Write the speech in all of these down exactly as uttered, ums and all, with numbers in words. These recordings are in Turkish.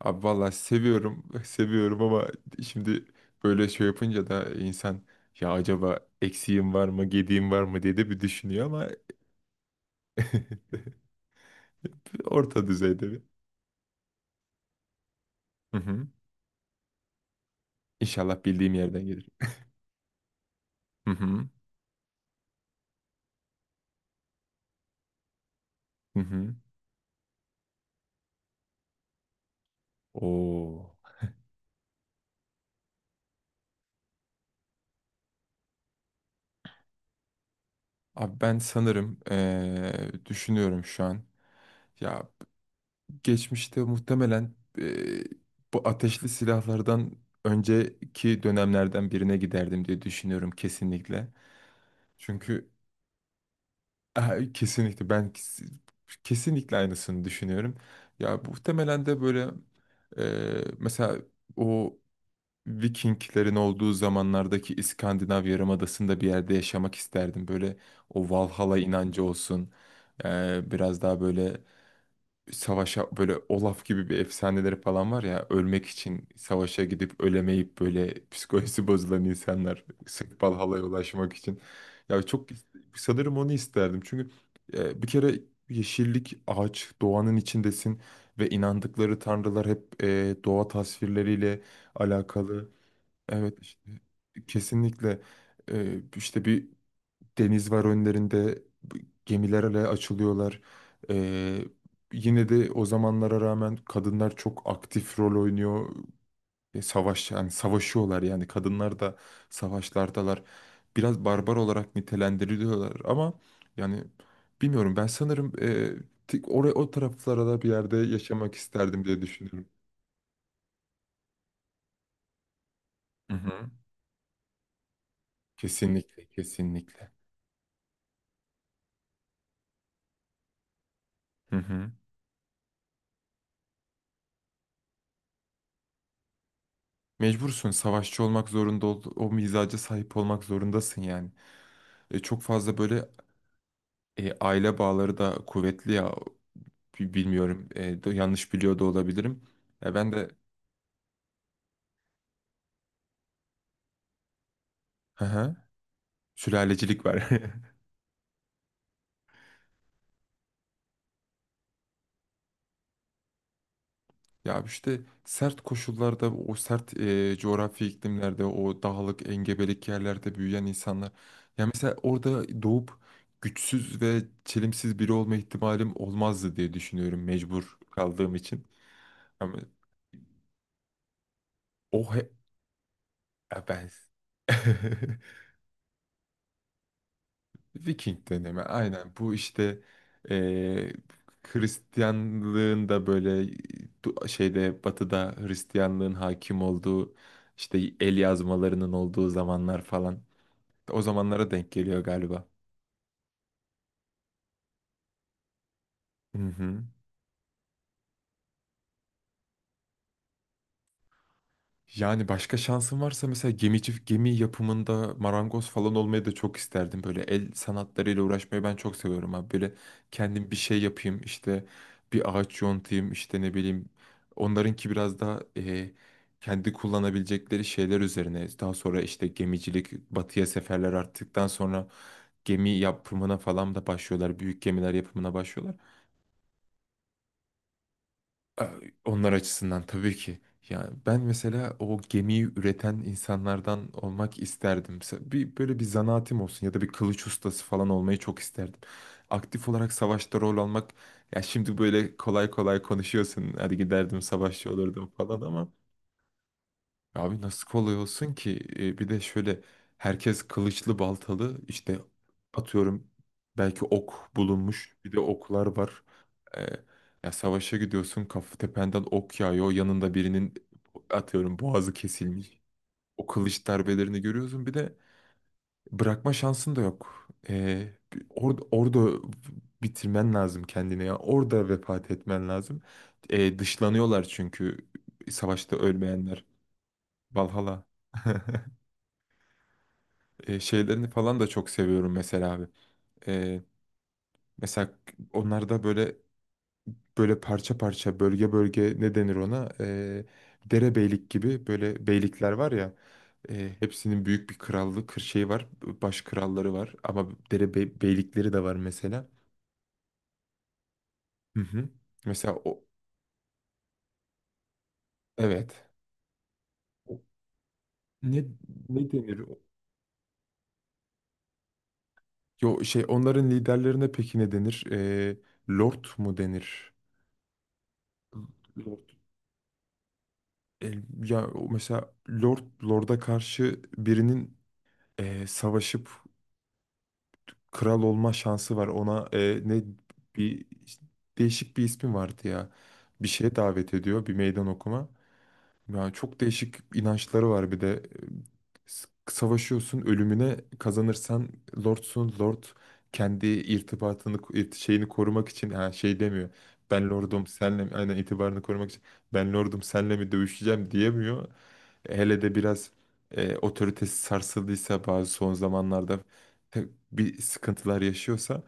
Abi vallahi seviyorum, seviyorum ama şimdi böyle şey yapınca da insan ya acaba eksiğim var mı, gediğim var mı diye de bir düşünüyor ama orta düzeyde bir. Hı hı. İnşallah bildiğim yerden gelir. Hı hı. Hı hı. Oo. Abi ben sanırım eee, düşünüyorum şu an. Ya geçmişte muhtemelen eee, bu ateşli silahlardan önceki dönemlerden birine giderdim diye düşünüyorum kesinlikle. Çünkü aha, kesinlikle ben kes- kesinlikle aynısını düşünüyorum. Ya bu muhtemelen de böyle e, mesela o Vikinglerin olduğu zamanlardaki İskandinav Yarımadası'nda bir yerde yaşamak isterdim. Böyle o Valhalla inancı olsun. E, biraz daha böyle savaşa, böyle Olaf gibi bir efsaneleri falan var ya, ölmek için savaşa gidip ölemeyip böyle psikolojisi bozulan insanlar sırf Valhalla'ya ulaşmak için. Ya çok sanırım onu isterdim. Çünkü e, bir kere yeşillik, ağaç, doğanın içindesin ve inandıkları tanrılar hep e, doğa tasvirleriyle alakalı. Evet işte kesinlikle, e, işte bir deniz var önlerinde. Gemilerle açılıyorlar. Ee, yine de o zamanlara rağmen kadınlar çok aktif rol oynuyor. E, savaş yani savaşıyorlar, yani kadınlar da savaşlardalar. Biraz barbar olarak nitelendiriliyorlar ama yani bilmiyorum, ben sanırım e, tik- oraya, o taraflara da bir yerde yaşamak isterdim diye düşünüyorum. Hı hı. Kesinlikle, kesinlikle. Hı hı. Mecbursun, savaşçı olmak zorunda, ol- o mizaca sahip olmak zorundasın yani. E, çok fazla böyle, e, aile bağları da kuvvetli ya. Bi- bilmiyorum, E, do- yanlış biliyor da olabilirim. Ya ben de, hı hı, sülalecilik var. Ya işte sert koşullarda, o sert e, coğrafi iklimlerde, o dağlık engebelik yerlerde büyüyen insanlar. Ya mesela orada doğup güçsüz ve çelimsiz biri olma ihtimalim olmazdı diye düşünüyorum, mecbur kaldığım için. Ama o he- ya ben Viking dönemi aynen bu işte, eee Hristiyanlığın da böyle, du- şeyde, batıda Hristiyanlığın hakim olduğu, işte el yazmalarının olduğu zamanlar falan, o zamanlara denk geliyor galiba. Hı hı. Yani başka şansım varsa mesela gemici, gemi yapımında marangoz falan olmayı da çok isterdim. Böyle el sanatlarıyla uğraşmayı ben çok seviyorum abi. Böyle kendim bir şey yapayım işte, bir ağaç yontayım işte, ne bileyim. Onlarınki biraz daha e, kendi kullanabilecekleri şeyler üzerine. Daha sonra işte gemicilik, batıya seferler arttıktan sonra gemi yapımına falan da başlıyorlar. Büyük gemiler yapımına başlıyorlar. A- Onlar açısından tabii ki. Yani ben mesela o gemiyi üreten insanlardan olmak isterdim. Se- Bir, böyle bir zanaatim olsun ya da bir kılıç ustası falan olmayı çok isterdim. Aktif olarak savaşta rol almak, ya şimdi böyle kolay kolay konuşuyorsun. Hadi giderdim, savaşçı olurdum falan ama... Abi, nasıl kolay olsun ki? E, bir de şöyle, herkes kılıçlı baltalı işte, atıyorum belki ok bulunmuş, bir de oklar var. E, ya savaşa gidiyorsun, kafa tependen ok yağıyor, yanında birinin atıyorum boğazı kesilmiş. O kılıç darbelerini görüyorsun, bir de bırakma şansın da yok. E, orada, orada bitirmen lazım kendini, ya orada vefat etmen lazım. E, dışlanıyorlar çünkü, savaşta ölmeyenler. Valhalla. e, şeylerini falan da çok seviyorum mesela abi. E, mesela onlarda böyle, böyle parça parça, bölge bölge, ne denir ona? E, derebeylik gibi böyle beylikler var ya. E, hepsinin büyük bir krallığı, kır şeyi var, baş kralları var ama dere bey- beylikleri de var mesela. Hı hı. Mesela o, evet. O- Ne ne denir? O? Yo, şey, onların liderlerine peki ne denir? E, lord mu denir? Lord. E, ya o mesela, Lord Lord'a karşı birinin e, savaşıp kral olma şansı var. Ona e, ne, bir işte, değişik bir ismi vardı ya. Bir şeye davet ediyor, bir meydan okuma. Ya çok değişik inançları var bir de. E, s- Savaşıyorsun ölümüne, kazanırsan lordsun, lord kendi irtibatını, irt- şeyini korumak için ha şey demiyor. Ben lordum senle mi, aynen, itibarını korumak için ben lordum senle mi dövüşeceğim diyemiyor. Hele de biraz e, otoritesi sarsıldıysa, bazı son zamanlarda te- bir sıkıntılar yaşıyorsa,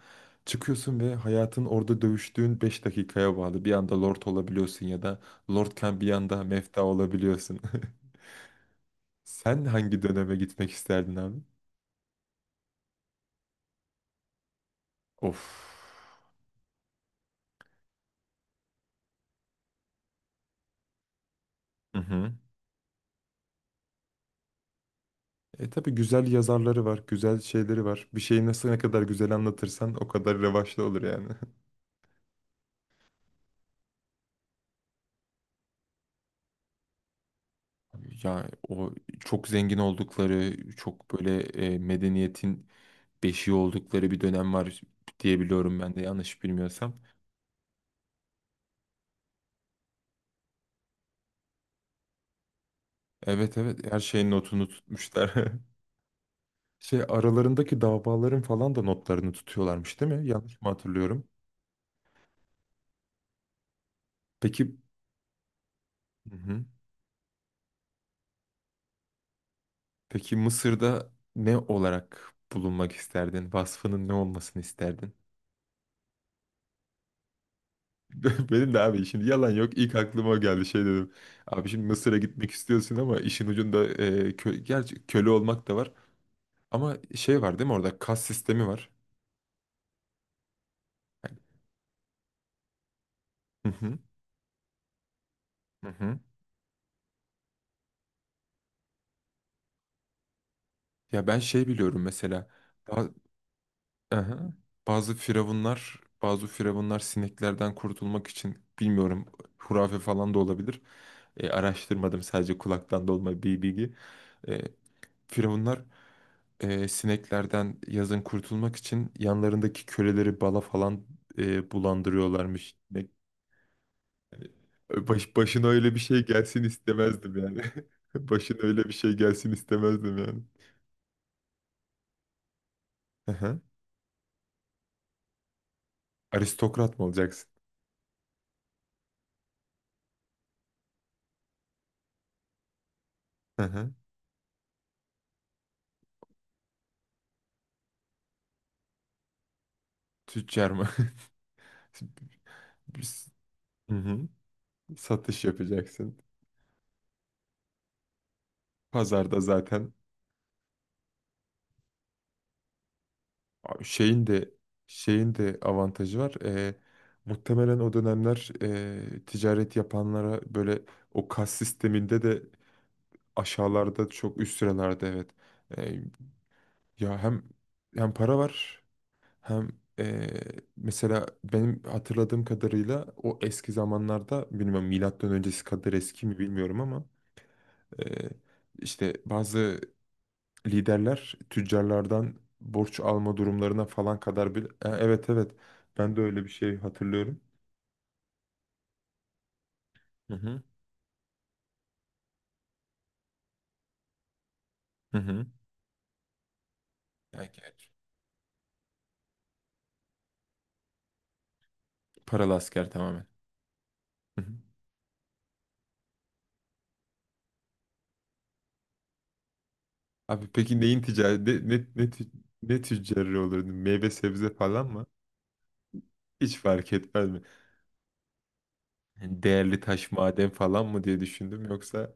çıkıyorsun ve hayatın orada dövüştüğün beş dakikaya bağlı. Bir anda lord olabiliyorsun ya da Lordken bir anda mefta olabiliyorsun. Sen hangi döneme gitmek isterdin abi? Of. Hı hı. E tabii güzel yazarları var, güzel şeyleri var. Bir şeyi nasıl, ne kadar güzel anlatırsan o kadar revaçlı olur yani. Ya o çok zengin oldukları, çok böyle e, medeniyetin beşiği oldukları bir dönem var diyebiliyorum ben de, yanlış bilmiyorsam. Evet, evet, her şeyin notunu tutmuşlar. Şey, aralarındaki davaların falan da notlarını tutuyorlarmış değil mi? Yanlış mı hatırlıyorum? Peki. Hı hı. Peki, Mısır'da ne olarak bulunmak isterdin? Vasfının ne olmasını isterdin? Benim de abi, şimdi yalan yok. İlk aklıma o geldi, şey dedim. Abi şimdi Mısır'a gitmek istiyorsun ama işin ucunda, e, kö gerçi köle olmak da var. Ama şey var değil mi, orada kas sistemi var. Yani, hı hı. Hı hı. Ya ben şey biliyorum mesela, ba- aha. Bazı firavunlar, bazı firavunlar sineklerden kurtulmak için, bilmiyorum, hurafe falan da olabilir. E, araştırmadım, sadece kulaktan dolma bir bilgi. E, firavunlar e, sineklerden yazın kurtulmak için yanlarındaki köleleri bala falan e, bulandırıyorlarmış. Ne- yani, Baş, başına öyle bir şey gelsin istemezdim yani. Başına öyle bir şey gelsin istemezdim yani. Aha. Aristokrat mı olacaksın? Aha. Tüccar mı? Hı hı. Satış yapacaksın. Pazarda zaten şeyin de şeyin de avantajı var. Ee, muhtemelen o dönemler, ee, ticaret yapanlara böyle, o kas sisteminde de aşağılarda, çok üst sıralarda, evet. Ee, ya hem hem para var, hem ee, mesela, benim hatırladığım kadarıyla, o eski zamanlarda, bilmiyorum milattan öncesi kadar eski mi bilmiyorum ama ee, işte bazı liderler tüccarlardan borç alma durumlarına falan kadar bir... Ha, evet, evet, ben de öyle bir şey hatırlıyorum. Hı hı. Hı hı. Ya, gerçi. Paralı asker tamamen. Hı hı. Abi peki neyin ticareti, ne, ne, ne, tü- ne tüccarı olurdu? Meyve sebze falan mı? Hiç fark etmez mi? Yani değerli taş, maden falan mı diye düşündüm yoksa...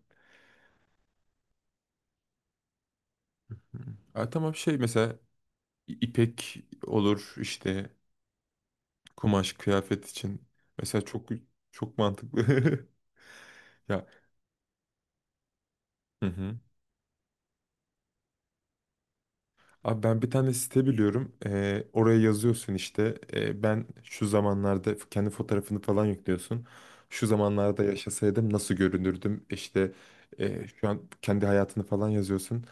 Hı. Ha, tamam, şey mesela i- ipek olur işte, kumaş, kıyafet için. Mesela çok çok mantıklı. Ya. Hı hı. Abi ben bir tane site biliyorum. Ee, oraya yazıyorsun işte. Ee, ben şu zamanlarda, kendi fotoğrafını falan yüklüyorsun. Şu zamanlarda yaşasaydım nasıl görünürdüm? İşte, e, şu an kendi hayatını falan yazıyorsun.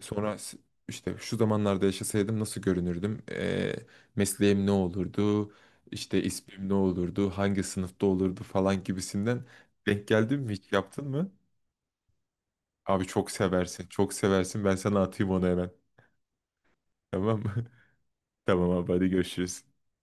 Sonra s- işte şu zamanlarda yaşasaydım nasıl görünürdüm? Ee, mesleğim ne olurdu? İşte ismim ne olurdu? Hangi sınıfta olurdu falan gibisinden. Denk geldin mi, hiç yaptın mı? Abi çok seversin. Çok seversin. Ben sana atayım onu hemen. Tamam mı? Tamam abi, hadi görüşürüz.